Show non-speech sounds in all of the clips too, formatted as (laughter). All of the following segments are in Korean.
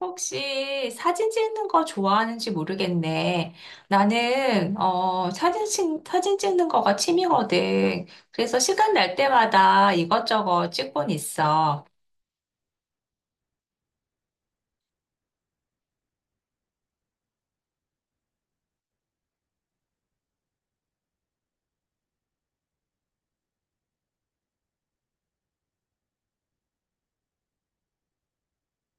혹시 사진 찍는 거 좋아하는지 모르겠네. 나는 사진, 사진 찍는 거가 취미거든. 그래서 시간 날 때마다 이것저것 찍곤 있어.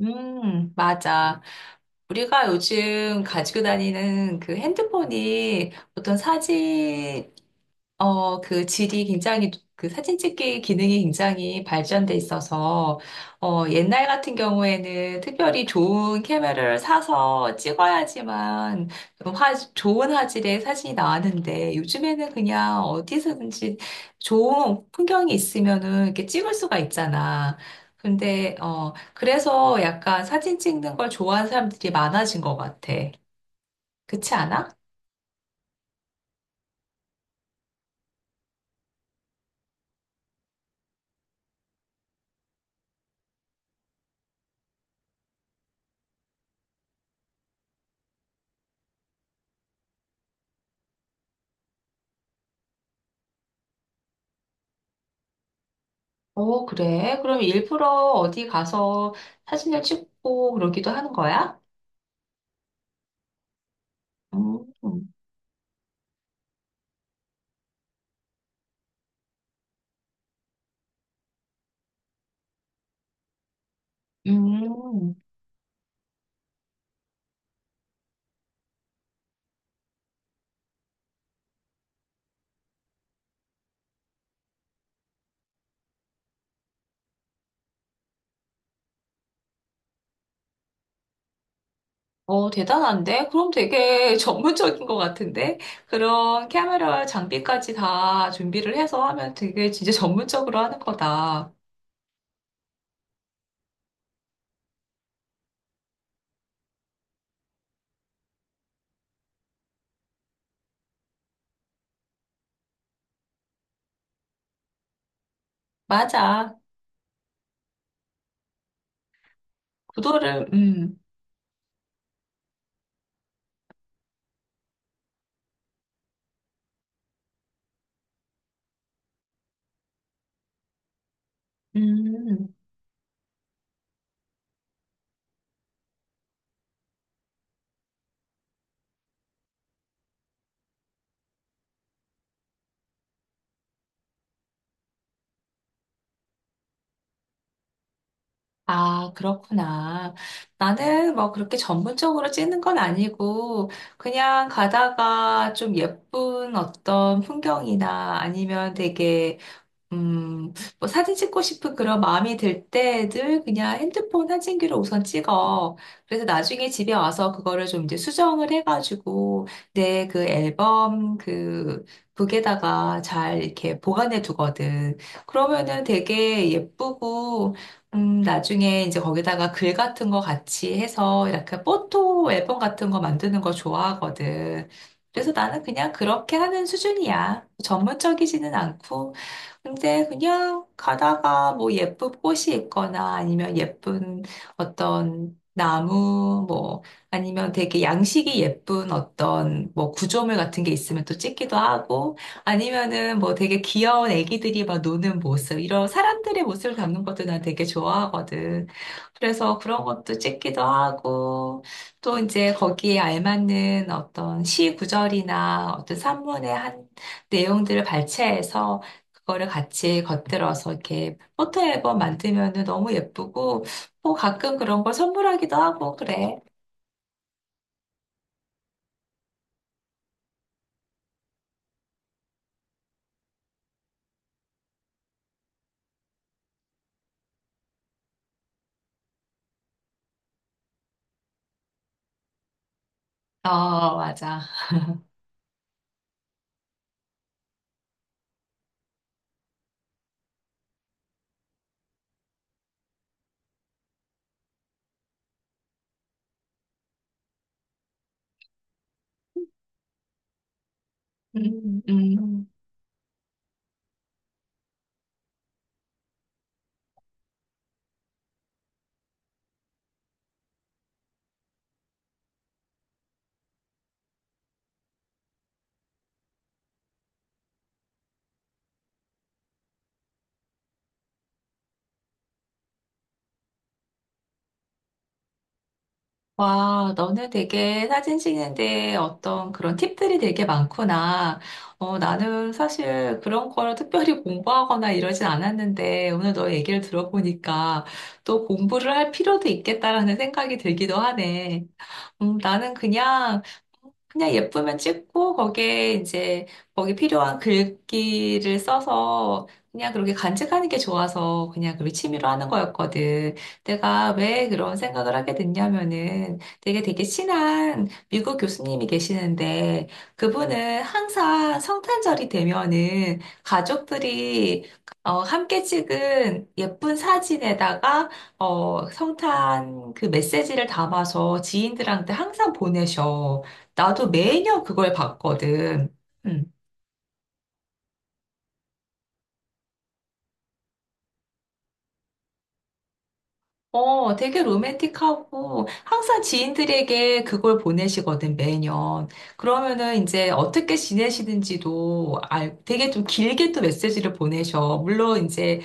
맞아. 우리가 요즘 가지고 다니는 그 핸드폰이 어떤 사진, 그 질이 굉장히, 그 사진 찍기 기능이 굉장히 발전돼 있어서, 옛날 같은 경우에는 특별히 좋은 카메라를 사서 찍어야지만 좋은 화질의 사진이 나왔는데, 요즘에는 그냥 어디서든지 좋은 풍경이 있으면은 이렇게 찍을 수가 있잖아. 근데, 그래서 약간 사진 찍는 걸 좋아하는 사람들이 많아진 것 같아. 그렇지 않아? 어, 그래? 그럼 일부러 어디 가서 사진을 찍고 그러기도 하는 거야? 음, 음. 어, 대단한데? 그럼 되게 (laughs) 전문적인 것 같은데? 그런 카메라 장비까지 다 준비를 해서 하면 되게 진짜 전문적으로 하는 거다. 맞아. 구도를, 음. 아, 그렇구나. 나는 뭐 그렇게 전문적으로 찍는 건 아니고, 그냥 가다가 좀 예쁜 어떤 풍경이나 아니면 되게 음, 뭐 사진 찍고 싶은 그런 마음이 들 때 늘 그냥 핸드폰 사진기로 우선 찍어. 그래서 나중에 집에 와서 그거를 좀 이제 수정을 해가지고 내 그 앨범 그 북에다가 잘 이렇게 보관해 두거든. 그러면은 되게 예쁘고, 나중에 이제 거기다가 글 같은 거 같이 해서 이렇게 포토 앨범 같은 거 만드는 거 좋아하거든. 그래서 나는 그냥 그렇게 하는 수준이야. 전문적이지는 않고. 근데 그냥 가다가 뭐 예쁜 꽃이 있거나 아니면 예쁜 어떤 나무 뭐 아니면 되게 양식이 예쁜 어떤 뭐 구조물 같은 게 있으면 또 찍기도 하고 아니면은 뭐 되게 귀여운 애기들이 막 노는 모습 이런 사람들의 모습을 담는 것도 난 되게 좋아하거든. 그래서 그런 것도 찍기도 하고 또 이제 거기에 알맞는 어떤 시 구절이나 어떤 산문의 한 내용들을 발췌해서 그거를 같이 겉들어서 이렇게 포토 앨범 만들면은 너무 예쁘고, 뭐 가끔 그런 걸 선물하기도 하고, 그래. 어, 맞아. 음, 음. 와, 너는 되게 사진 찍는데 어떤 그런 팁들이 되게 많구나. 나는 사실 그런 거를 특별히 공부하거나 이러진 않았는데, 오늘 너 얘기를 들어보니까 또 공부를 할 필요도 있겠다라는 생각이 들기도 하네. 나는 그냥 예쁘면 찍고 거기에 이제 거기 필요한 글귀를 써서 그냥 그렇게 간직하는 게 좋아서 그냥 그렇게 취미로 하는 거였거든. 내가 왜 그런 생각을 하게 됐냐면은 되게 친한 미국 교수님이 계시는데 그분은 항상 성탄절이 되면은 가족들이 함께 찍은 예쁜 사진에다가 성탄 그 메시지를 담아서 지인들한테 항상 보내셔. 나도 매년 그걸 봤거든. 음. 어, 되게 로맨틱하고 항상 지인들에게 그걸 보내시거든, 매년. 그러면은 이제 어떻게 되게 좀 길게 또 메시지를 보내셔. 물론 이제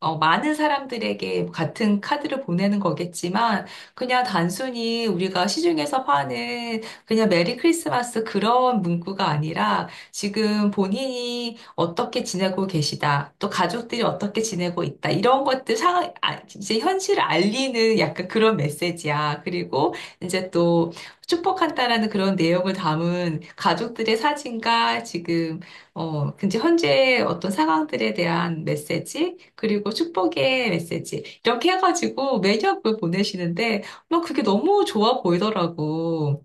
많은 사람들에게 같은 카드를 보내는 거겠지만, 그냥 단순히 우리가 시중에서 파는 그냥 메리 크리스마스 그런 문구가 아니라, 지금 본인이 어떻게 지내고 계시다, 또 가족들이 어떻게 지내고 있다, 이런 것들 상, 아, 이제 현실을 알리는 약간 그런 메시지야. 그리고 이제 또 축복한다라는 그런 내용을 담은 가족들의 사진과 지금 어, 근데 현재 어떤 상황들에 대한 메시지, 그리고 축복의 메시지, 이렇게 해가지고 매년 그걸 보내시는데, 막 그게 너무 좋아 보이더라고.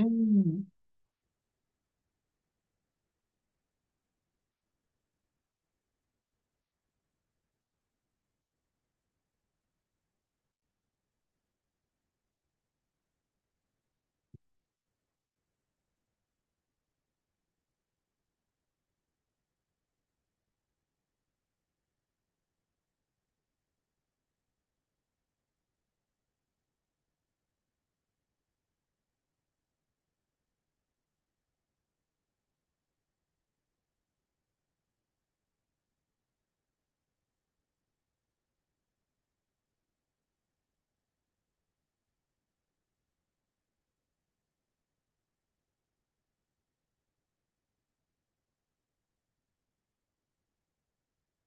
음.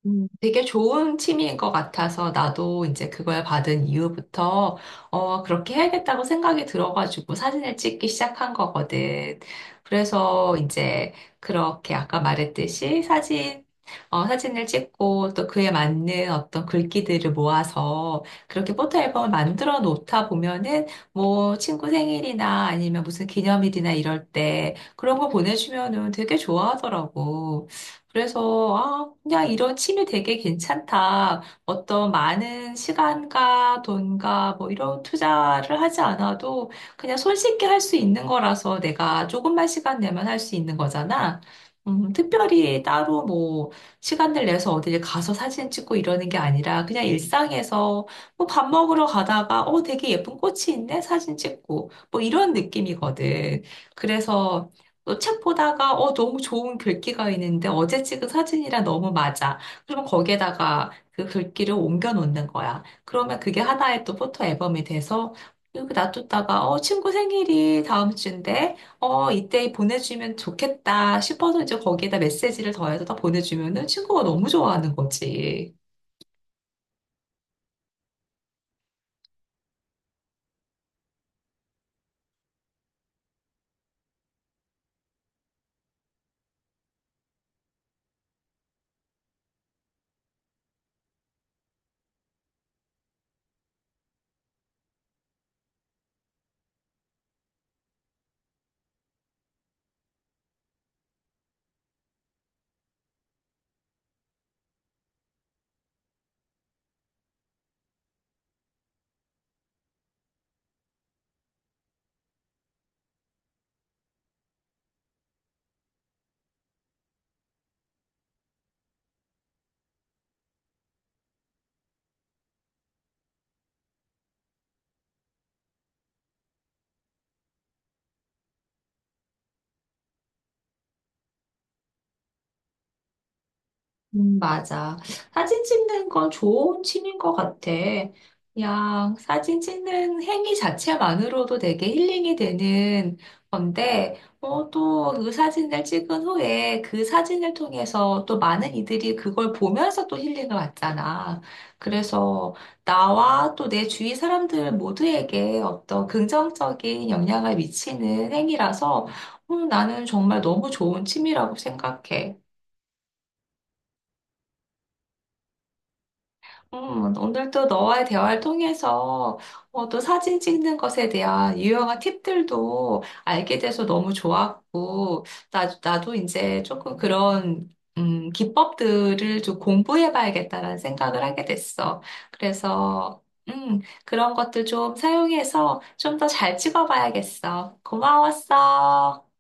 되게 좋은 취미인 것 같아서 나도 이제 그걸 받은 이후부터 그렇게 해야겠다고 생각이 들어가지고 사진을 찍기 시작한 거거든. 그래서 이제 그렇게 아까 말했듯이 사진을 찍고 또 그에 맞는 어떤 글귀들을 모아서 그렇게 포토 앨범을 만들어 놓다 보면은 뭐 친구 생일이나 아니면 무슨 기념일이나 이럴 때 그런 거 보내주면은 되게 좋아하더라고. 그래서, 아, 그냥 이런 취미 되게 괜찮다. 어떤 많은 시간과 돈과 뭐 이런 투자를 하지 않아도 그냥 손쉽게 할 수 있는 거라서 내가 조금만 시간 내면 할 수 있는 거잖아. 특별히 따로 뭐 시간을 내서 어딜 가서 사진 찍고 이러는 게 아니라 그냥 일상에서 뭐 밥 먹으러 가다가 어, 되게 예쁜 꽃이 있네? 사진 찍고 뭐 이런 느낌이거든. 그래서 또 책 보다가 어 너무 좋은 글귀가 있는데 어제 찍은 사진이랑 너무 맞아. 그러면 거기에다가 그 글귀를 옮겨 놓는 거야. 그러면 그게 하나의 또 포토 앨범이 돼서 여기 놔뒀다가 어 친구 생일이 다음 주인데 어 이때 보내주면 좋겠다 싶어서 이제 거기에다 메시지를 더해서 다 보내주면은 친구가 너무 좋아하는 거지. 맞아. 사진 찍는 건 좋은 취미인 것 같아. 그냥 사진 찍는 행위 자체만으로도 되게 힐링이 되는 건데, 어, 또 그 사진을 찍은 후에 그 사진을 통해서 또 많은 이들이 그걸 보면서 또 힐링을 받잖아. 그래서 나와 또 내 주위 사람들 모두에게 어떤 긍정적인 영향을 미치는 행위라서, 나는 정말 너무 좋은 취미라고 생각해. 오늘도 너와의 대화를 통해서 또 사진 찍는 것에 대한 유용한 팁들도 알게 돼서 너무 좋았고, 나도 이제 조금 그런 기법들을 좀 공부해봐야겠다라는 생각을 하게 됐어. 그래서 그런 것도 좀 사용해서 좀 더 잘 찍어봐야겠어. 고마웠어.